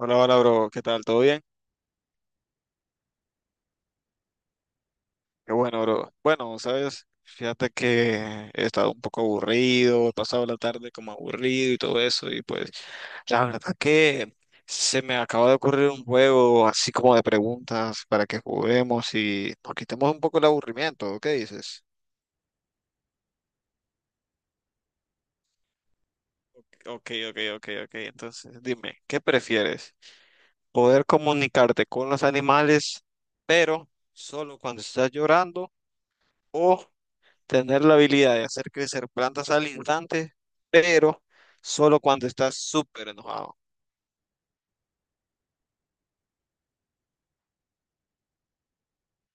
Hola, hola, bro. ¿Qué tal? ¿Todo bien? Qué bueno, bro. Bueno, sabes, fíjate que he estado un poco aburrido, he pasado la tarde como aburrido y todo eso, y pues la verdad que se me acaba de ocurrir un juego así como de preguntas para que juguemos y nos quitemos un poco el aburrimiento. ¿Qué dices? Ok, ok, ok, ok. Entonces, dime, ¿qué prefieres? ¿Poder comunicarte con los animales, pero solo cuando estás llorando, o tener la habilidad de hacer crecer plantas al instante, pero solo cuando estás súper enojado?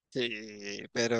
Sí, pero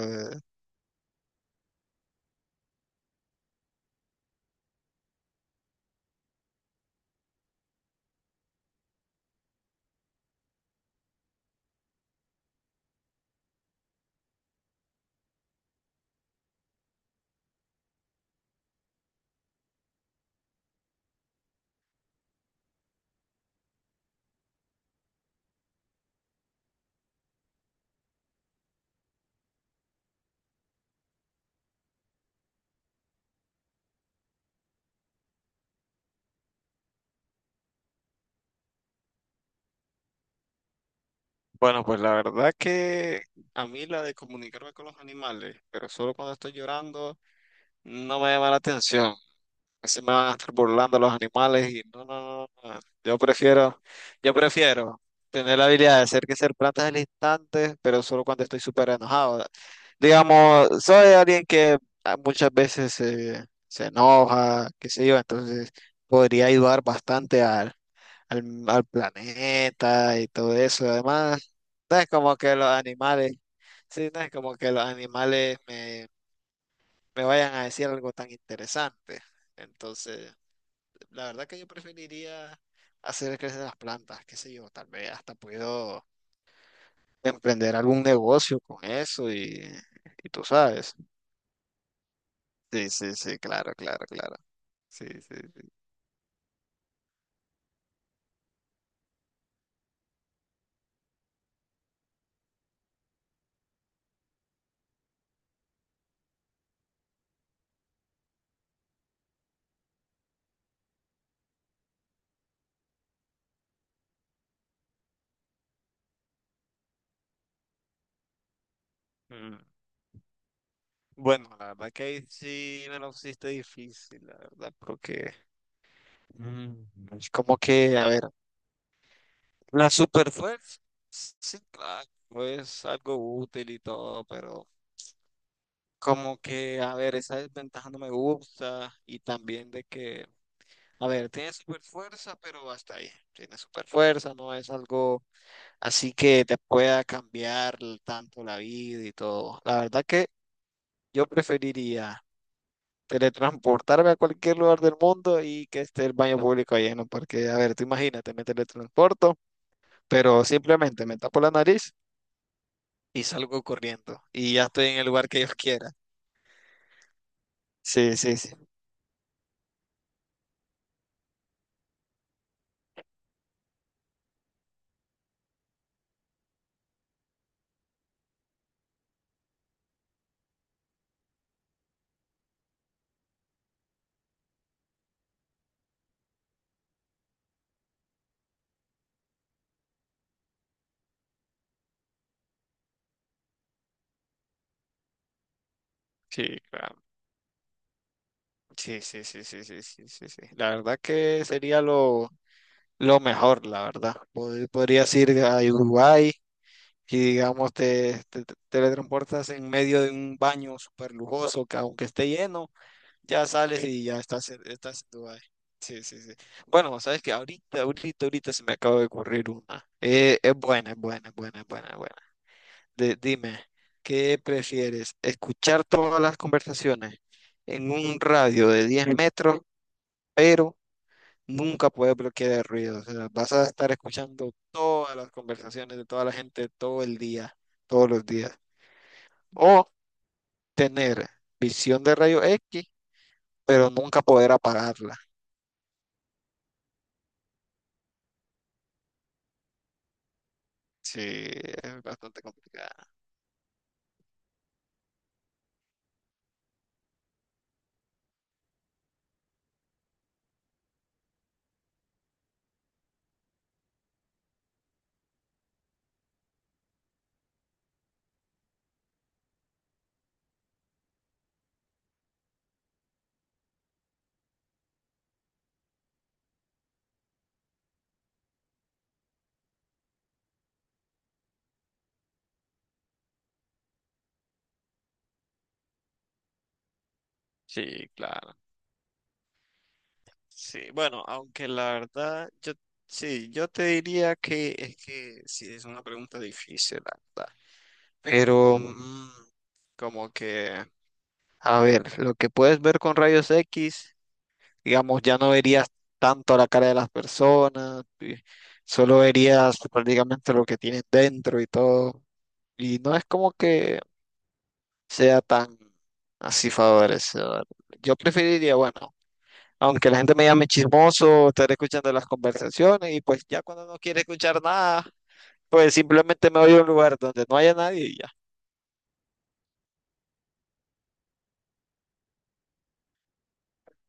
bueno, pues la verdad que a mí la de comunicarme con los animales, pero solo cuando estoy llorando, no me llama la atención. Así me van a estar burlando los animales y no, no, no, no. Yo prefiero tener la habilidad de hacer que ser plantas al instante, pero solo cuando estoy súper enojado. Digamos, soy alguien que muchas veces se enoja, qué sé yo, entonces podría ayudar bastante al planeta y todo eso. Además, no es como que los animales, sí, no es como que los animales me vayan a decir algo tan interesante. Entonces... La verdad que yo preferiría hacer crecer las plantas, qué sé yo, tal vez hasta puedo emprender algún negocio con eso y tú sabes. Sí, sí, sí, claro, claro, claro. Sí, sí, sí. Mm. Bueno, la verdad que ahí sí me lo pusiste difícil, la verdad, porque es como que, a ver, la superfuerza, sí, claro, es algo útil y todo, pero como que, a ver, esa desventaja no me gusta y también de que a ver, tiene super fuerza, pero hasta ahí. Tiene super fuerza, no es algo así que te pueda cambiar tanto la vida y todo. La verdad que yo preferiría teletransportarme a cualquier lugar del mundo y que esté el baño público lleno, porque, a ver, tú imagínate, me teletransporto, pero simplemente me tapo la nariz y salgo corriendo y ya estoy en el lugar que yo quiera. Sí, sí, sí. Sí, claro. Sí, sí, sí, sí, sí, sí, sí, sí. La verdad que sería lo mejor, la verdad. Podrías ir a Uruguay y digamos te teletransportas en medio de un baño súper lujoso que aunque esté lleno, ya sales y ya estás, estás en Dubái. Sí, sí, sí. Bueno, sabes que ahorita, ahorita, ahorita se me acaba de ocurrir una. Es buena, es buena, es buena, es buena, es buena. Dime, ¿qué prefieres? ¿Escuchar todas las conversaciones en un radio de 10 metros, pero nunca puedes bloquear el ruido? O sea, vas a estar escuchando todas las conversaciones de toda la gente todo el día, todos los días. O tener visión de rayos X, pero nunca poder apagarla. Sí, es bastante complicada. Sí, claro. Sí, bueno, aunque la verdad, yo sí, yo te diría que es que sí, es una pregunta difícil, la verdad. Pero como que, a ver, lo que puedes ver con rayos X, digamos, ya no verías tanto la cara de las personas, y solo verías prácticamente lo que tienen dentro y todo. Y no es como que sea tan así favorecedor. Yo preferiría, bueno, aunque la gente me llame chismoso, estar escuchando las conversaciones y pues ya cuando no quiere escuchar nada, pues simplemente me voy a un lugar donde no haya nadie y ya.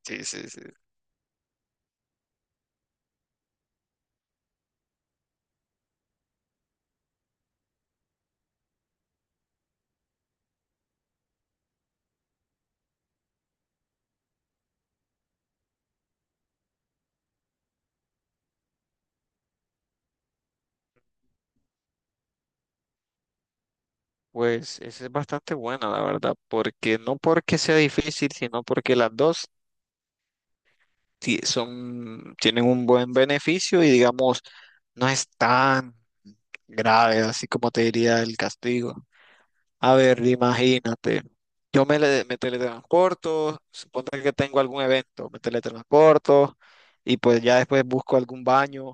Sí, sí, sí. Pues esa es bastante buena, la verdad, porque no porque sea difícil, sino porque las dos son, tienen un buen beneficio y digamos, no es tan grave, así como te diría el castigo. A ver, imagínate, yo me teletransporto, suponte que tengo algún evento, me teletransporto y pues ya después busco algún baño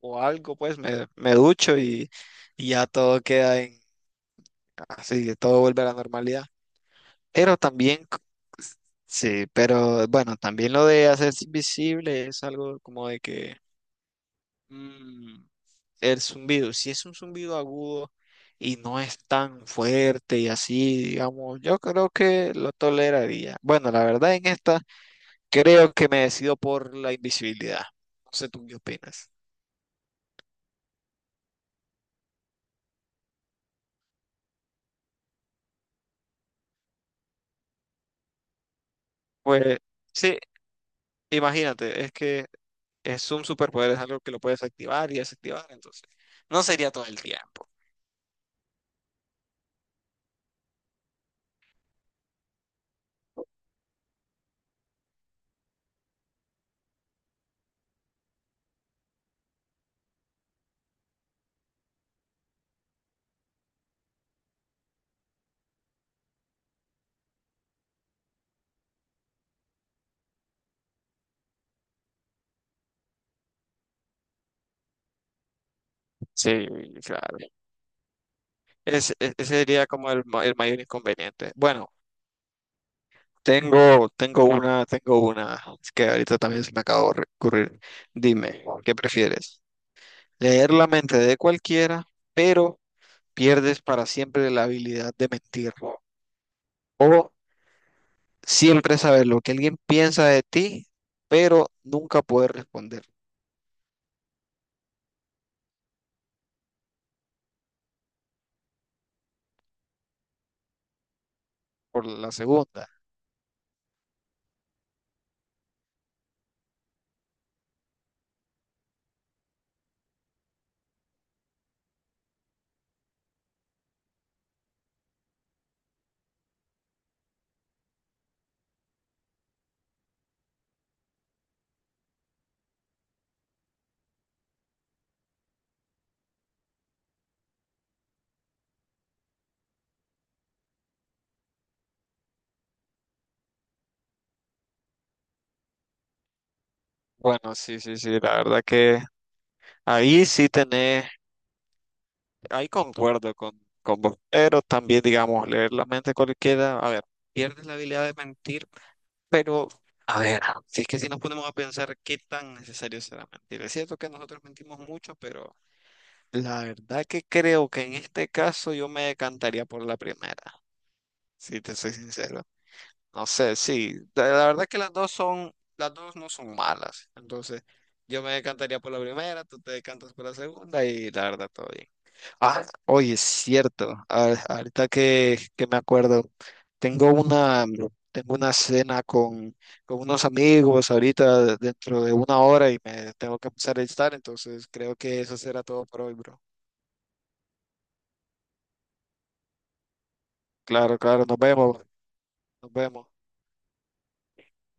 o algo, pues me ducho y ya todo queda en, así, todo vuelve a la normalidad. Pero también... Sí, pero bueno, también lo de hacerse invisible es algo como de que Mm, el zumbido, si es un zumbido agudo y no es tan fuerte y así, digamos, yo creo que lo toleraría. Bueno, la verdad en esta creo que me decido por la invisibilidad. No sé tú qué opinas. Pues sí, imagínate, es que es un superpoder, es algo que lo puedes activar y desactivar, entonces no sería todo el tiempo. Sí, claro. Ese sería como el mayor inconveniente. Bueno, tengo una que ahorita también se me acaba de ocurrir. Dime, ¿qué prefieres? Leer la mente de cualquiera, pero pierdes para siempre la habilidad de mentir. O siempre saber lo que alguien piensa de ti, pero nunca poder responder. Por la segunda. Bueno, sí, sí, sí, la verdad que ahí sí tenés, ahí concuerdo con vos, pero también, digamos, leer la mente cualquiera, a ver, pierdes la habilidad de mentir, pero, a ver, si es que si nos ponemos a pensar qué tan necesario será mentir. Es cierto que nosotros mentimos mucho, pero la verdad que creo que en este caso yo me decantaría por la primera, si te soy sincero. No sé, sí, la verdad que las dos son, las dos no son malas, entonces yo me decantaría por la primera, tú te decantas por la segunda y la verdad todo bien. Ah, oye, es cierto. Ahorita que me acuerdo, tengo una, tengo una cena con unos amigos ahorita dentro de 1 hora y me tengo que empezar a estar, entonces creo que eso será todo por hoy, bro. Claro, claro, nos vemos, nos vemos.